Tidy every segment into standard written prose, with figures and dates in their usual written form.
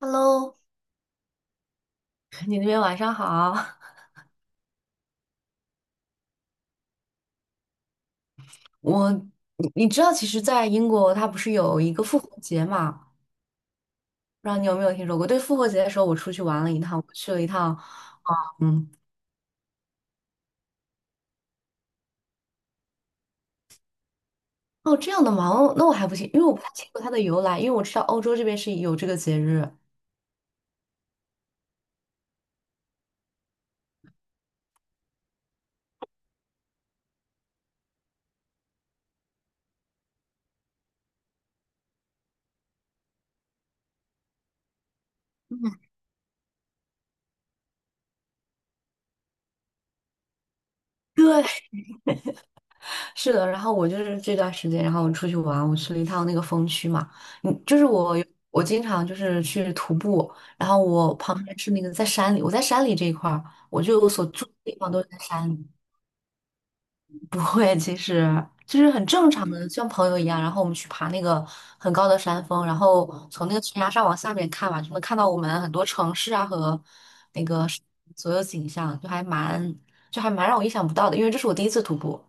Hello，你那边晚上好。你知道，其实，在英国，它不是有一个复活节嘛？不知道你有没有听说过？对，复活节的时候，我出去玩了一趟，我去了一趟。嗯。哦，这样的吗？哦，那我还不清，因为我不太清楚它的由来，因为我知道欧洲这边是有这个节日。对，是的。然后我就是这段时间，然后我出去玩，我去了一趟那个风区嘛。嗯，就是我经常就是去徒步，然后我旁边是那个在山里，我在山里这一块儿，我就所住的地方都是在山里。不会，其实就是很正常的，像朋友一样。然后我们去爬那个很高的山峰，然后从那个悬崖上往下面看嘛，就能看到我们很多城市啊和那个是所有景象，就还蛮让我意想不到的。因为这是我第一次徒步，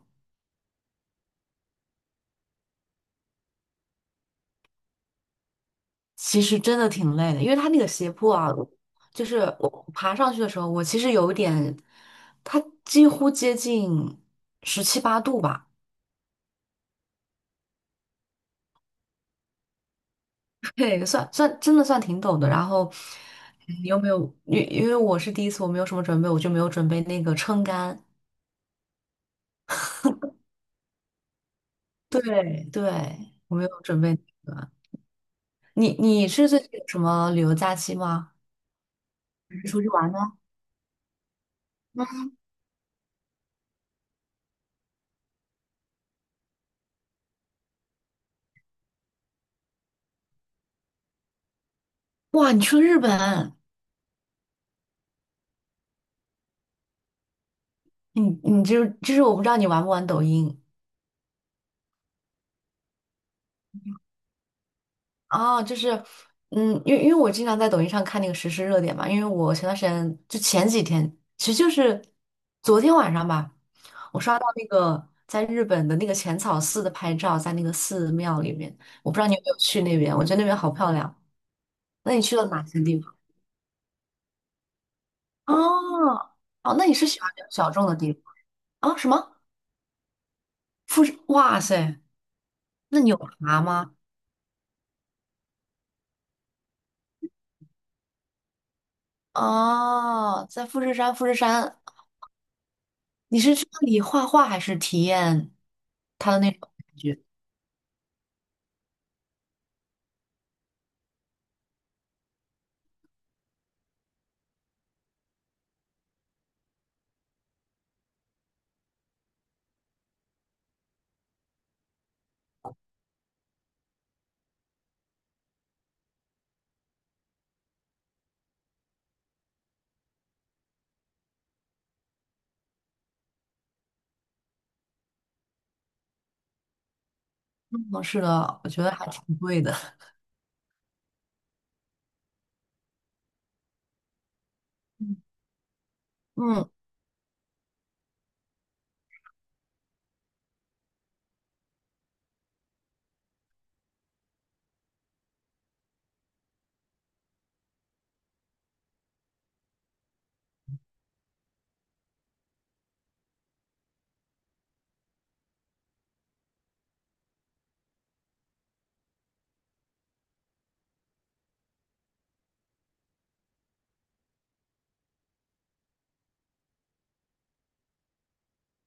其实真的挺累的，因为它那个斜坡啊，就是我爬上去的时候，我其实有一点，它几乎接近十七八度吧。对，算真的算挺陡的。然后你有没有？因为我是第一次，我没有什么准备，我就没有准备那个撑杆。对对，我没有准备那个。你是最近有什么旅游假期吗？还是出去玩呢？哇，你去了日本。你就是我不知道你玩不玩抖音。啊，就是，因为我经常在抖音上看那个实时热点嘛，因为我前段时间就前几天，其实就是昨天晚上吧，我刷到那个在日本的那个浅草寺的拍照，在那个寺庙里面，我不知道你有没有去那边，我觉得那边好漂亮。那你去了哪些地方？哦。哦，那你是喜欢比较小众的地方啊？什么富士？哇塞，那你有爬吗？哦，在富士山你是去那里画画还是体验他的那种感觉？嗯，是的，我觉得还挺贵的。嗯，嗯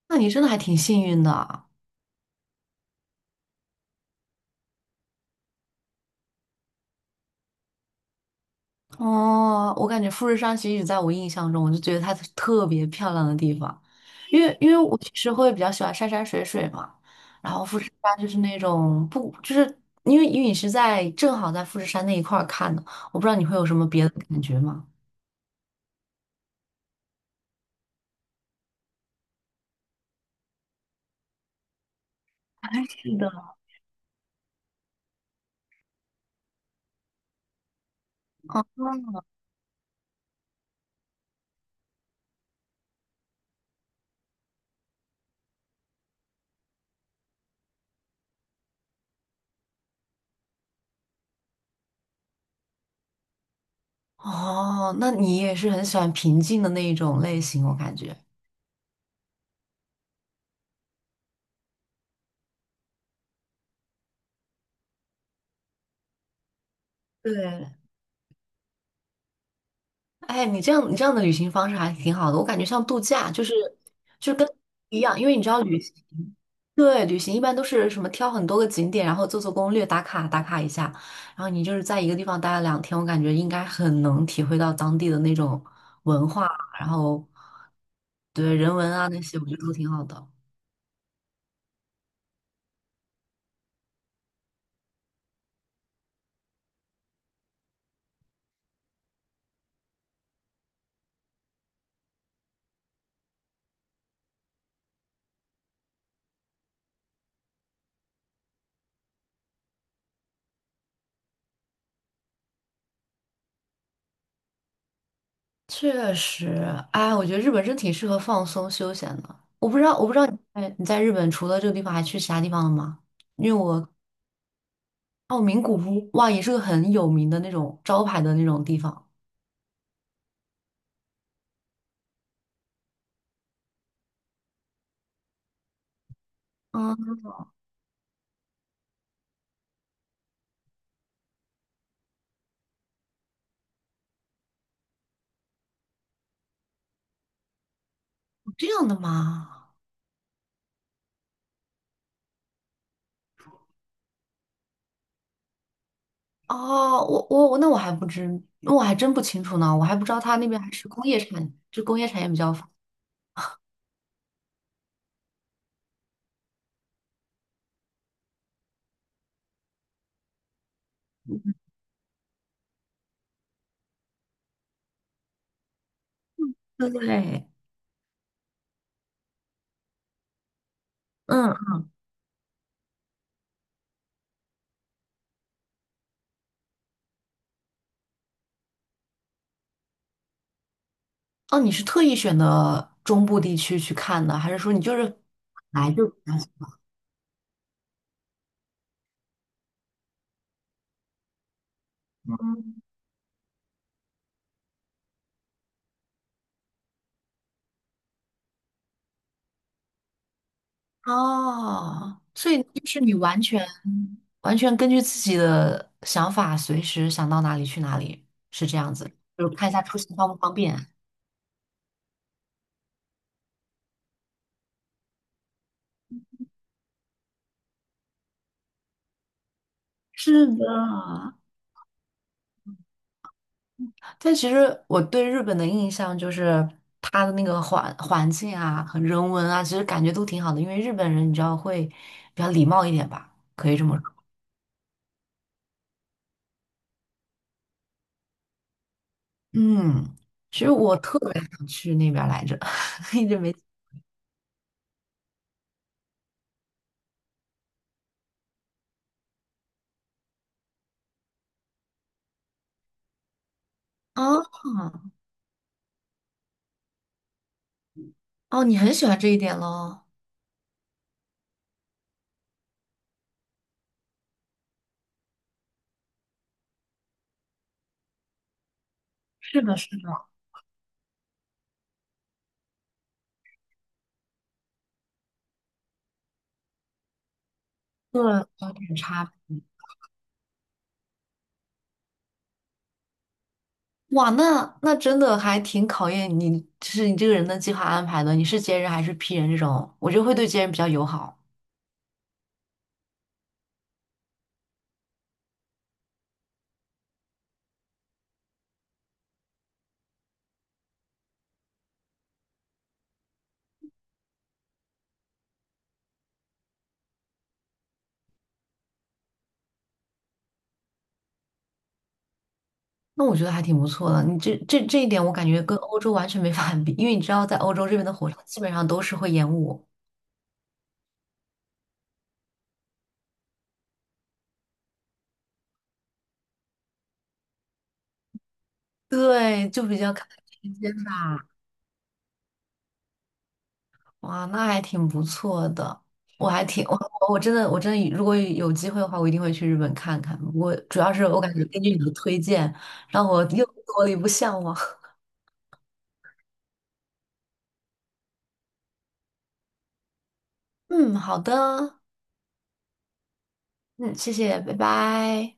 那你真的还挺幸运的啊。哦，我感觉富士山其实在我印象中，我就觉得它是特别漂亮的地方，因为我其实会比较喜欢山山水水嘛。然后富士山就是那种不，就是因为你是在正好在富士山那一块儿看的，我不知道你会有什么别的感觉吗？啊，是的。哦，那你也是很喜欢平静的那一种类型，我感觉。对，哎，你这样的旅行方式还挺好的，我感觉像度假，就是跟一样，因为你知道旅行，对，旅行一般都是什么挑很多个景点，然后做做攻略，打卡打卡一下，然后你就是在一个地方待了2天，我感觉应该很能体会到当地的那种文化，然后对人文啊那些，我觉得都挺好的。确实，哎，我觉得日本真挺适合放松休闲的。我不知道你在日本除了这个地方还去其他地方了吗？因为我哦，名古屋哇，也是个很有名的那种招牌的那种地方。嗯，这样的吗？哦，我我我那我还不知，那我还真不清楚呢，我还不知道他那边还是工业产，就工业产业比较发达。对。嗯。哦，你是特意选的中部地区去看的，还是说你就是来就？嗯哦，所以就是你完全根据自己的想法，随时想到哪里去哪里，是这样子，就是看一下出行方不方便。是的，但其实我对日本的印象就是它的那个环境啊和人文啊，其实感觉都挺好的，因为日本人你知道会比较礼貌一点吧，可以这么说。嗯，其实我特别想去那边儿来着，一直没。哦哦，你很喜欢这一点喽？是的，是的。对，有点差别。哇，那真的还挺考验你，就是你这个人的计划安排的。你是 J 人还是 P 人这种？我觉得会对 J 人比较友好。那我觉得还挺不错的。你这一点，我感觉跟欧洲完全没法比，因为你知道，在欧洲这边的火车基本上都是会延误，对，就比较看时间吧。哇，那还挺不错的。我还挺我我真的我真的如果有机会的话，我一定会去日本看看。不过主要是我感觉根据你的推荐，让我又多了一步向往。嗯，好的。嗯，谢谢，拜拜。